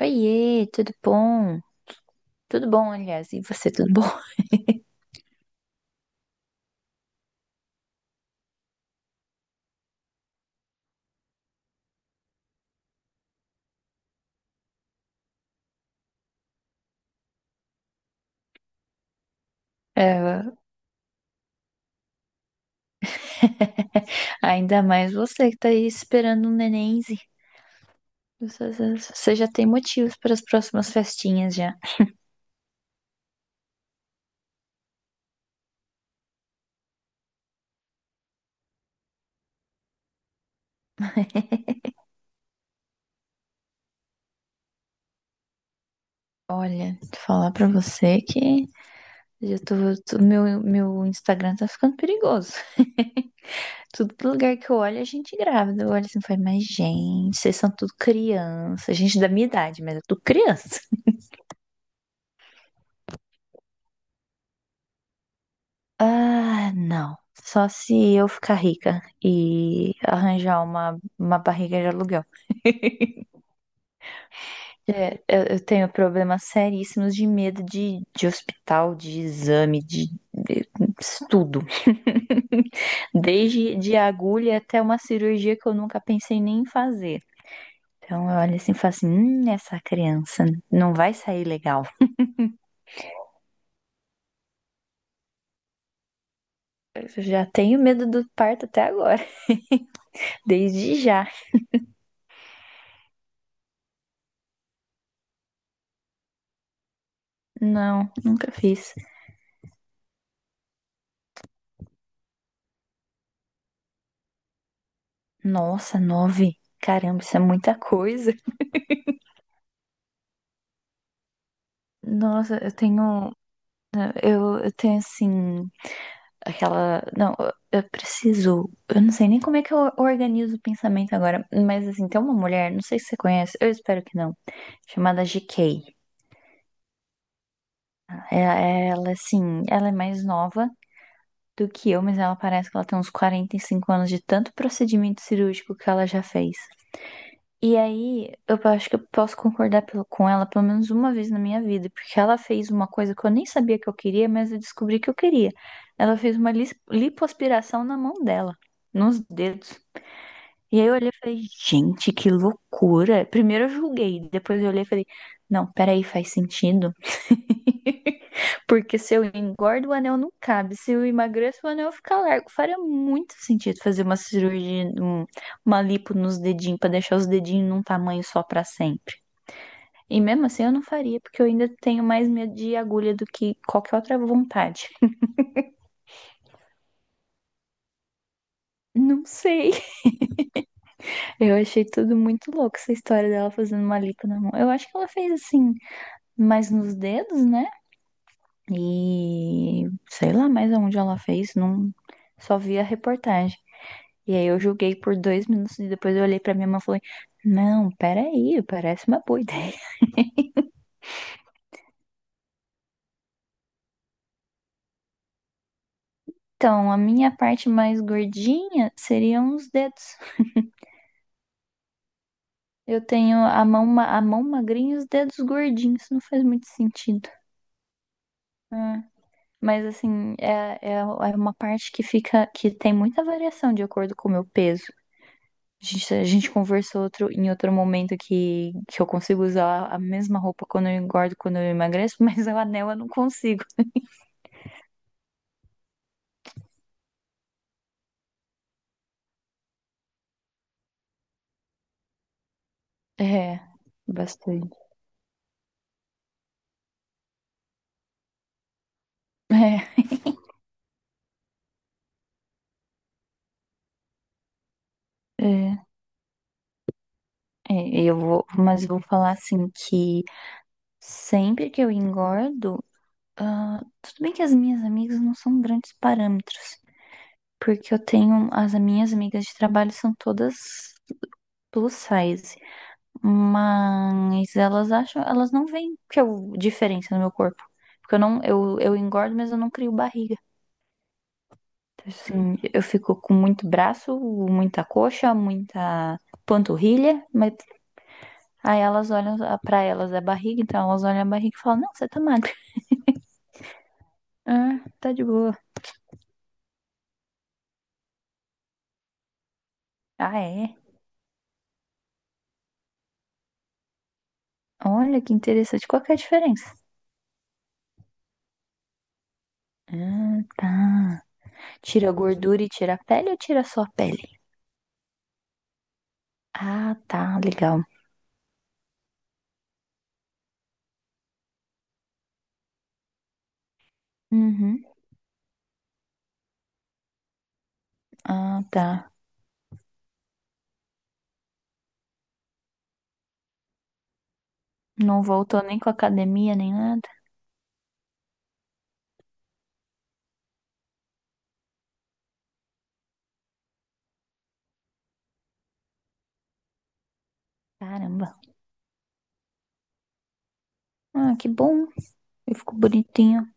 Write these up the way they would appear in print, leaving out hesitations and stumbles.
Oiê, tudo bom? Tudo bom, aliás, e você, tudo bom? É, ainda mais você que tá aí esperando um nenenzinho. Você já tem motivos para as próximas festinhas já. Olha, vou falar pra você que já tô, meu Instagram tá ficando perigoso. Tudo lugar que eu olho, a gente grávida. Eu olho assim, e falo, mas gente, vocês são tudo criança. Gente da minha idade, mas eu tô criança. Ah, não. Só se eu ficar rica e arranjar uma barriga de aluguel. É, eu tenho problemas seríssimos de medo de hospital, de exame, de tudo. Desde de agulha até uma cirurgia que eu nunca pensei nem em fazer. Então eu olho assim e falo assim, essa criança não vai sair legal. Eu já tenho medo do parto até agora, desde já. Não, nunca fiz. Nossa, nove. Caramba, isso é muita coisa. Nossa, eu tenho, né? Eu tenho assim. Aquela. Não, eu preciso. Eu não sei nem como é que eu organizo o pensamento agora. Mas assim, tem uma mulher, não sei se você conhece, eu espero que não. Chamada GK. Ela, assim, ela é mais nova do que eu, mas ela parece que ela tem uns 45 anos de tanto procedimento cirúrgico que ela já fez. E aí, eu acho que eu posso concordar com ela pelo menos uma vez na minha vida, porque ela fez uma coisa que eu nem sabia que eu queria, mas eu descobri que eu queria. Ela fez uma lipoaspiração na mão dela, nos dedos. E aí eu olhei e falei, gente, que loucura. Primeiro eu julguei, depois eu olhei e falei, não, peraí, faz sentido. Porque se eu engordo, o anel não cabe. Se eu emagreço, o anel fica largo. Faria muito sentido fazer uma cirurgia, uma lipo nos dedinhos, pra deixar os dedinhos num tamanho só pra sempre. E mesmo assim eu não faria, porque eu ainda tenho mais medo de agulha do que qualquer outra vontade. Não sei. Eu achei tudo muito louco, essa história dela fazendo uma lipo na mão. Eu acho que ela fez assim, mais nos dedos, né? E sei lá mais aonde ela fez, não só vi a reportagem. E aí eu joguei por 2 minutos e depois eu olhei pra minha mãe e falei, não, peraí, parece uma boa ideia. Então, a minha parte mais gordinha seriam os dedos. Eu tenho a mão magrinha e os dedos gordinhos, isso não faz muito sentido. Ah, mas assim, é uma parte que fica, que tem muita variação de acordo com o meu peso. A gente conversou em outro momento que eu consigo usar a mesma roupa quando eu engordo, quando eu emagreço, mas o anel eu não consigo. É, bastante. É, é, é, mas eu vou falar assim que sempre que eu engordo, tudo bem que as minhas amigas não são grandes parâmetros, porque as minhas amigas de trabalho são todas plus size, mas elas não veem que diferença no meu corpo, porque eu engordo, mas eu não crio barriga. Então, assim, eu fico com muito braço, muita coxa, muita panturrilha, mas aí elas olham pra elas a barriga, então elas olham a barriga e falam: Não, você tá magra. Ah, tá de boa. Ah, é? Olha que interessante. Qual que é a diferença? Ah, tá. Tira a gordura e tira a pele ou tira só a pele? Ah, tá, legal. Uhum. Ah, tá. Não voltou nem com a academia nem nada. Caramba. Ah, que bom. Eu fico bonitinho.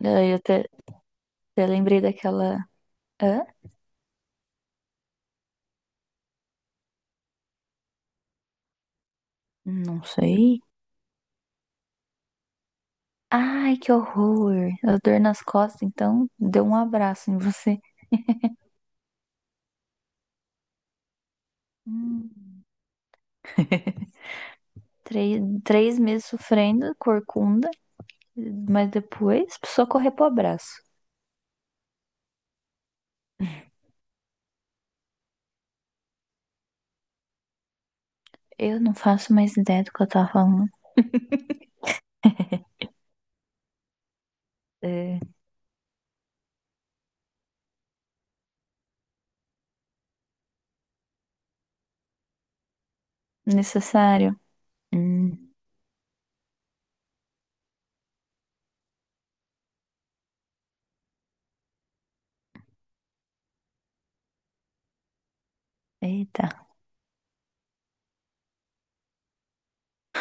Daí eu até lembrei daquela. Hã? Não sei. Ai, que horror. A dor nas costas, então deu um abraço em você. Hum. Três, 3 meses sofrendo, corcunda, mas depois só correr pro abraço. Eu não faço mais ideia do que eu tava falando. É necessário. Hum, eita.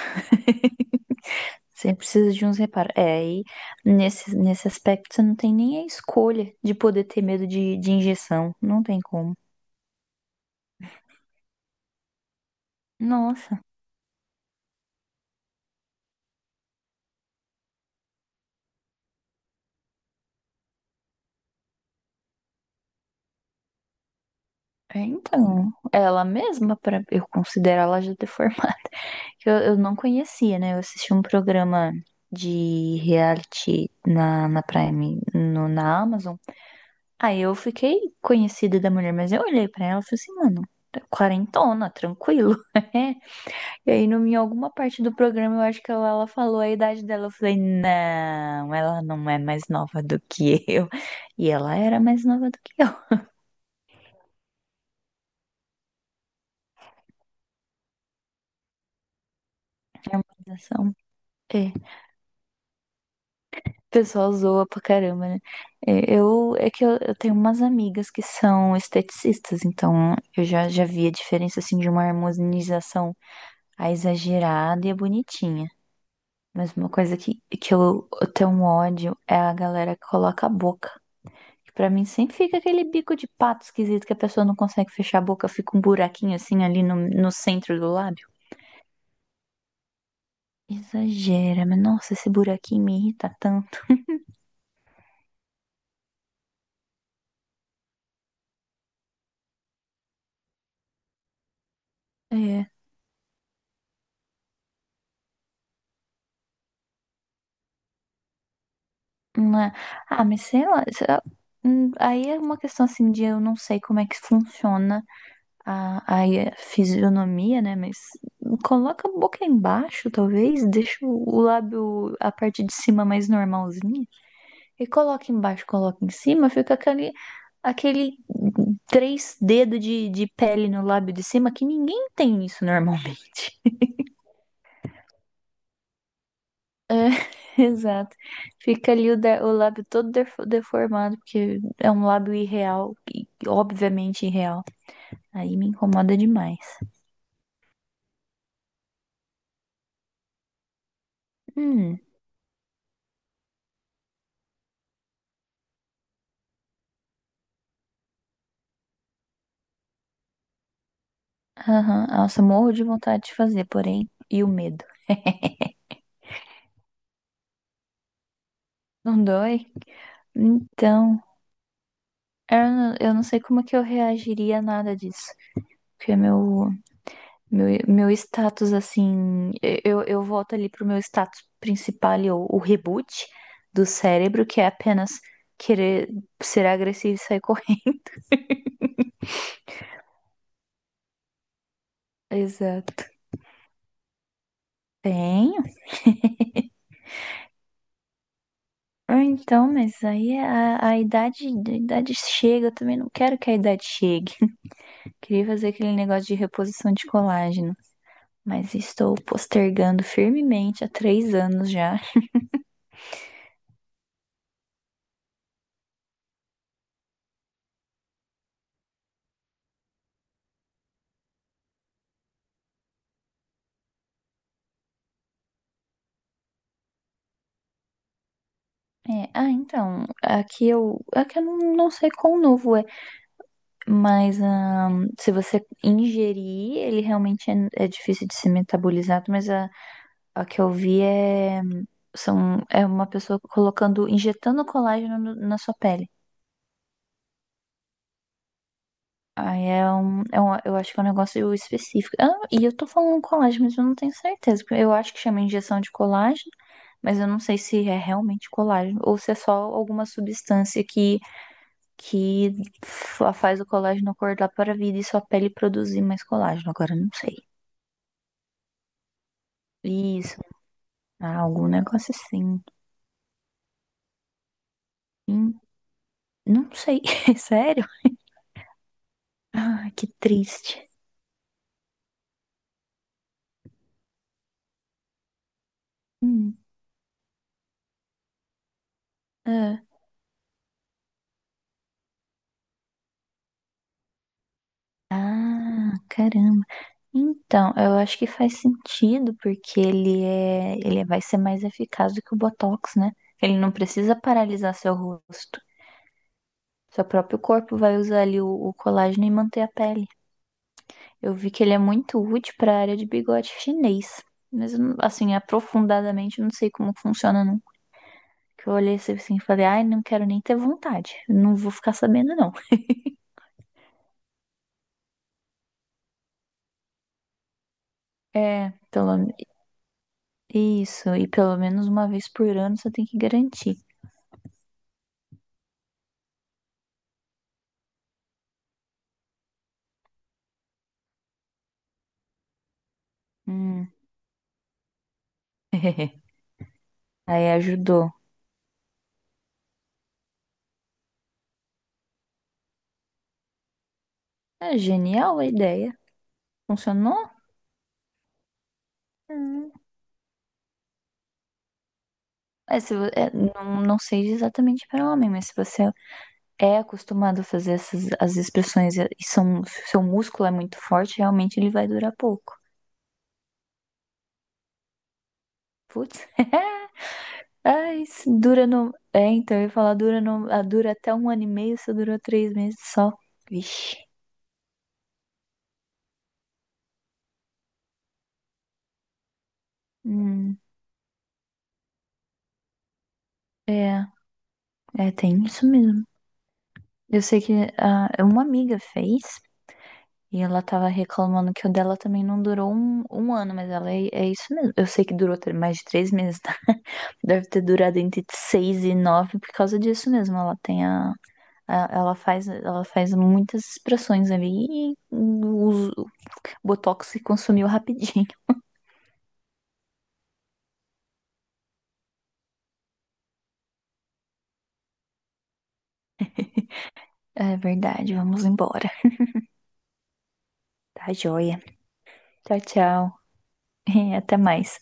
Você precisa de uns reparos. É, aí nesse aspecto você não tem nem a escolha de poder ter medo de injeção. Não tem como. Nossa, é, então, ela mesma, pra eu considero ela já deformada. Que eu não conhecia, né? Eu assisti um programa de reality na Prime, no, na Amazon. Aí eu fiquei conhecida da mulher, mas eu olhei pra ela e falei assim, mano, tá quarentona, tranquilo. E aí, no, em alguma parte do programa, eu acho que ela falou a idade dela. Eu falei, não, ela não é mais nova do que eu. E ela era mais nova do que eu. Harmonização. É. O pessoal zoa pra caramba, né? É, é que eu tenho umas amigas que são esteticistas, então eu já vi a diferença, assim, de uma harmonização a exagerada e a bonitinha. Mas uma coisa que eu tenho um ódio é a galera que coloca a boca. Que Pra mim sempre fica aquele bico de pato esquisito que a pessoa não consegue fechar a boca, fica um buraquinho assim ali no centro do lábio. Exagera, mas nossa, esse buraquinho me irrita tanto. É, né. Ah, mas sei lá. Aí é uma questão assim de eu não sei como é que funciona a fisionomia, né? Mas coloca a boca embaixo, talvez, deixa o lábio, a parte de cima mais normalzinha, e coloca embaixo, coloca em cima, fica aquele três dedos de pele no lábio de cima que ninguém tem isso normalmente. Exato. Fica ali o lábio todo deformado, porque é um lábio irreal, e obviamente irreal. Aí me incomoda demais. Hum, aham. Nossa, morro de vontade de fazer, porém, e o medo. Não dói? Então, eu não sei como é que eu reagiria a nada disso. Porque meu status, assim, eu volto ali pro meu status principal, ali, o reboot do cérebro, que é apenas querer ser agressivo e sair correndo. Exato. Tenho. Ah, então, mas aí é a idade, a idade chega, eu também não quero que a idade chegue. Queria fazer aquele negócio de reposição de colágeno, mas estou postergando firmemente há 3 anos já. É, ah, então, aqui eu não sei quão novo é, mas se você ingerir, ele realmente é difícil de ser metabolizado, mas A que eu vi é uma pessoa injetando colágeno na sua pele. Aí eu acho que é um negócio específico. Ah, e eu tô falando colágeno, mas eu não tenho certeza. Porque eu acho que chama injeção de colágeno, mas eu não sei se é realmente colágeno ou se é só alguma substância que, que faz o colágeno acordar para a vida e sua pele produzir mais colágeno. Agora eu não sei. Isso, ah, algum negócio assim. Hum, Não sei, sério? Ah, que triste. Hum, ah, ah, caramba. Então, eu acho que faz sentido, porque ele vai ser mais eficaz do que o Botox, né? Ele não precisa paralisar seu rosto. Seu próprio corpo vai usar ali o colágeno e manter a pele. Eu vi que ele é muito útil para a área de bigode chinês. Mas, eu não- assim, aprofundadamente, eu não sei como funciona, não. Que eu olhei assim e falei, ai, não quero nem ter vontade. Não vou ficar sabendo, não. É, pelo Isso, e pelo menos uma vez por ano você tem que garantir. Hum. Aí ajudou. É genial a ideia. Funcionou? Hum. É, não sei exatamente para homem, mas se você é acostumado a fazer essas as expressões seu músculo é muito forte, realmente ele vai durar pouco. Putz. Ah, isso dura no. É, então, eu ia falar, dura, no... ah, dura até um ano e meio, só durou 3 meses só. Vixe. Hum, é, é, tem isso mesmo. Eu sei que uma amiga fez e ela tava reclamando que o dela também não durou um ano, mas ela é isso mesmo. Eu sei que durou mais de 3 meses, tá? Deve ter durado entre seis e nove por causa disso mesmo. Ela tem ela faz muitas expressões ali e o Botox se consumiu rapidinho. É verdade, vamos embora. Tá joia. Tchau, tchau. Até mais.